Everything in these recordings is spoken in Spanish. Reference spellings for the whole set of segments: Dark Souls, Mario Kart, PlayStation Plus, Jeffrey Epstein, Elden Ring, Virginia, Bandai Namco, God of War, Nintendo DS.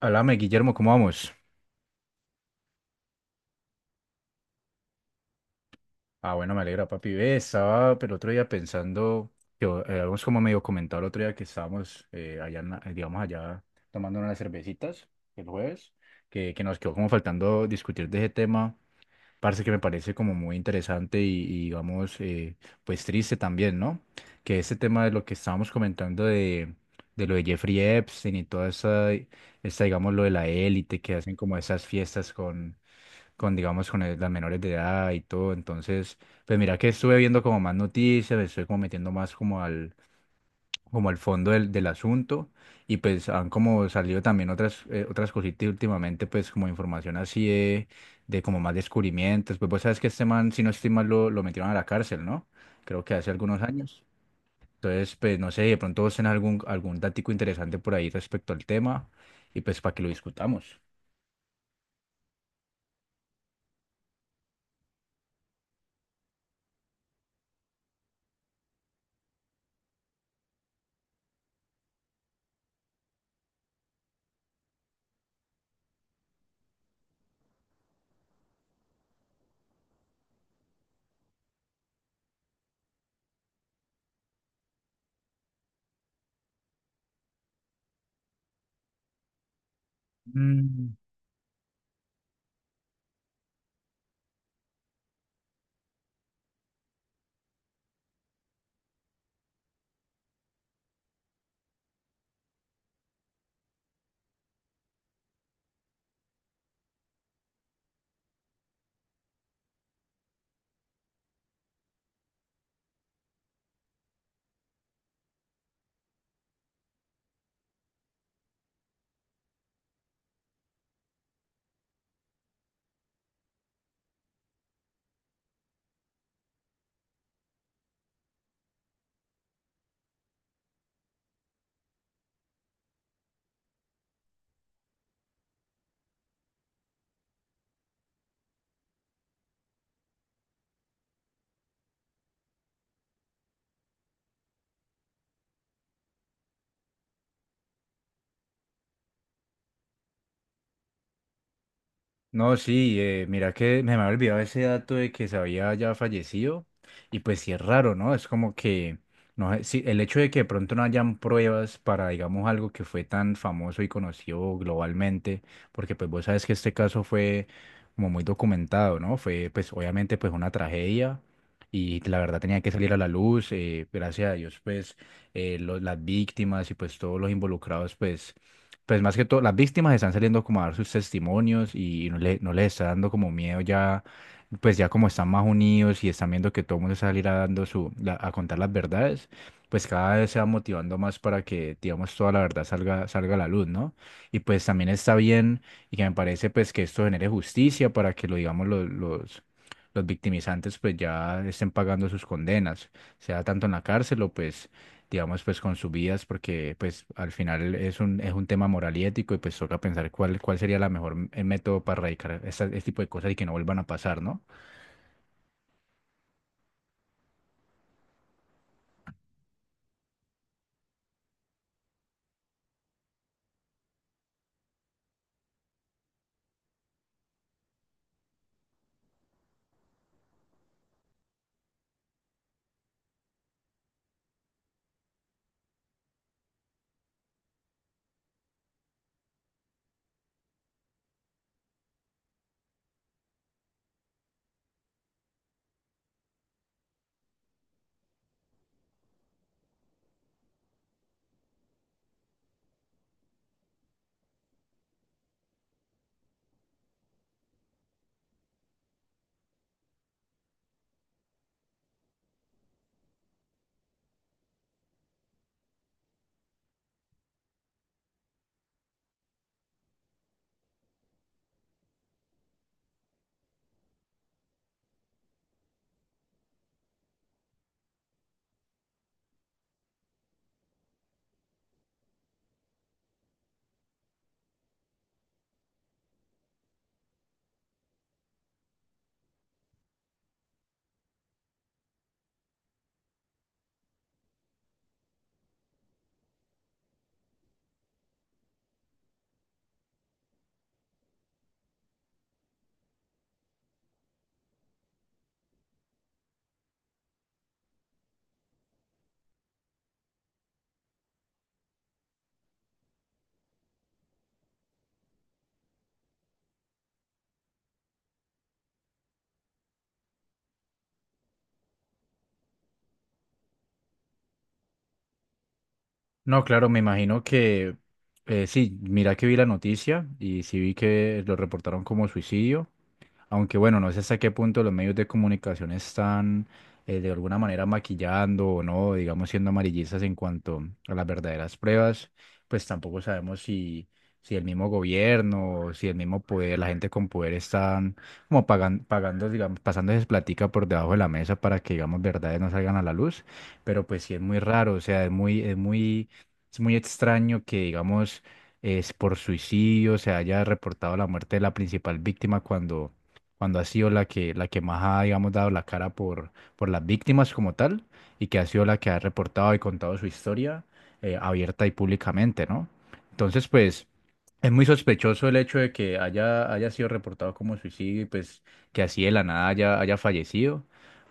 Háblame, Guillermo, ¿cómo vamos? Ah, bueno, me alegra, papi. Ve, estaba pero otro día pensando, que habíamos como medio comentado el otro día que estábamos allá, digamos, allá tomando unas cervecitas el jueves, que nos quedó como faltando discutir de ese tema, parce, que me parece como muy interesante y digamos, pues triste también, ¿no? Que ese tema de lo que estábamos comentando de lo de Jeffrey Epstein y toda digamos, lo de la élite que hacen como esas fiestas con digamos, las menores de edad y todo. Entonces, pues mira que estuve viendo como más noticias, me estoy como metiendo más como al fondo del asunto y pues han como salido también otras, otras cositas últimamente, pues como información así de como más descubrimientos. Pues vos sabes que este man, si no estoy mal, lo metieron a la cárcel, ¿no? Creo que hace algunos años. Entonces, pues no sé, de pronto vos tenés algún datico interesante por ahí respecto al tema y pues para que lo discutamos. Mm. No, sí, mira que me había olvidado ese dato de que se había ya fallecido y pues sí es raro, ¿no? Es como que, no sé, sí, el hecho de que de pronto no hayan pruebas para, digamos, algo que fue tan famoso y conocido globalmente, porque pues vos sabes que este caso fue como muy documentado, ¿no? Fue pues obviamente pues una tragedia y la verdad tenía que salir a la luz, gracias a Dios pues las víctimas y pues todos los involucrados pues pues más que todo, las víctimas están saliendo como a dar sus testimonios y no les está dando como miedo ya, pues ya como están más unidos y están viendo que todo el mundo salirá dando a contar las verdades, pues cada vez se va motivando más para que, digamos, toda la verdad salga, salga a la luz, ¿no? Y pues también está bien y que me parece pues que esto genere justicia para que lo, digamos, los victimizantes pues ya estén pagando sus condenas, sea tanto en la cárcel o pues digamos, pues con sus vidas, porque pues al final es un tema moral y ético y pues toca pensar cuál sería la mejor el método para erradicar este tipo de cosas y que no vuelvan a pasar, ¿no? No, claro, me imagino que sí, mira que vi la noticia y sí vi que lo reportaron como suicidio. Aunque bueno, no sé hasta qué punto los medios de comunicación están de alguna manera maquillando o no, digamos siendo amarillistas en cuanto a las verdaderas pruebas, pues tampoco sabemos si el mismo gobierno, si el mismo poder, la gente con poder están como pagando, digamos, pasándoles platica por debajo de la mesa para que, digamos, verdades no salgan a la luz, pero pues sí es muy raro, o sea, es muy extraño que, digamos, es por suicidio se haya reportado la muerte de la principal víctima cuando cuando ha sido la que más ha, digamos, dado la cara por las víctimas como tal, y que ha sido la que ha reportado y contado su historia abierta y públicamente, ¿no? Entonces, pues, es muy sospechoso el hecho de que haya, haya sido reportado como suicidio y pues que así de la nada haya, haya fallecido,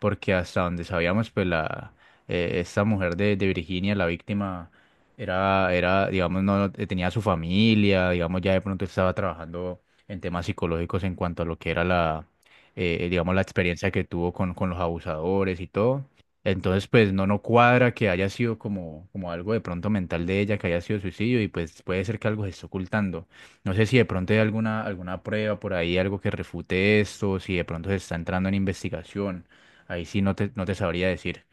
porque hasta donde sabíamos, pues, esta mujer de Virginia, la víctima, era, digamos, no tenía su familia, digamos, ya de pronto estaba trabajando en temas psicológicos en cuanto a lo que era digamos, la experiencia que tuvo con los abusadores y todo. Entonces, pues no, no cuadra que haya sido como, como algo de pronto mental de ella, que haya sido suicidio y pues puede ser que algo se esté ocultando. No sé si de pronto hay alguna prueba por ahí, algo que refute esto, si de pronto se está entrando en investigación. Ahí sí no te sabría decir.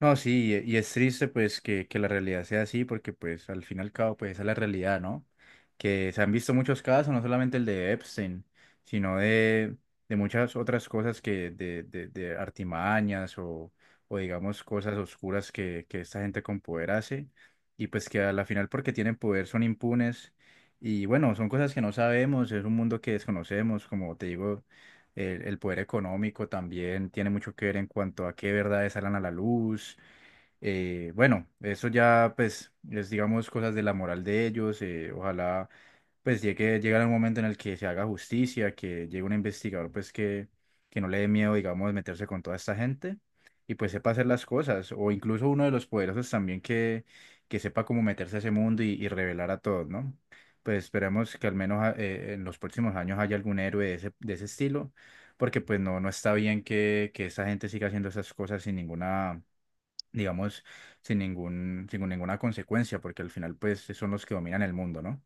No, sí, y es triste pues que la realidad sea así, porque pues al fin y al cabo pues esa es la realidad, ¿no? Que se han visto muchos casos, no solamente el de Epstein, sino de muchas otras cosas que de artimañas o digamos cosas oscuras que esta gente con poder hace y pues que a la final porque tienen poder son impunes y bueno, son cosas que no sabemos, es un mundo que desconocemos, como te digo, el poder económico también tiene mucho que ver en cuanto a qué verdades salen a la luz. Bueno, eso ya pues es digamos cosas de la moral de ellos. Ojalá pues llegue, llegar un momento en el que se haga justicia, que llegue un investigador pues que no le dé miedo digamos meterse con toda esta gente y pues sepa hacer las cosas. O incluso uno de los poderosos también que sepa cómo meterse a ese mundo y revelar a todos, ¿no? Pues esperemos que al menos en los próximos años haya algún héroe de ese estilo, porque pues no, no está bien que esa gente siga haciendo esas cosas sin ninguna digamos, sin ninguna consecuencia, porque al final, pues, son los que dominan el mundo, ¿no?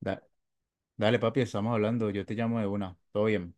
Da- Dale, papi, estamos hablando. Yo te llamo de una. Todo bien.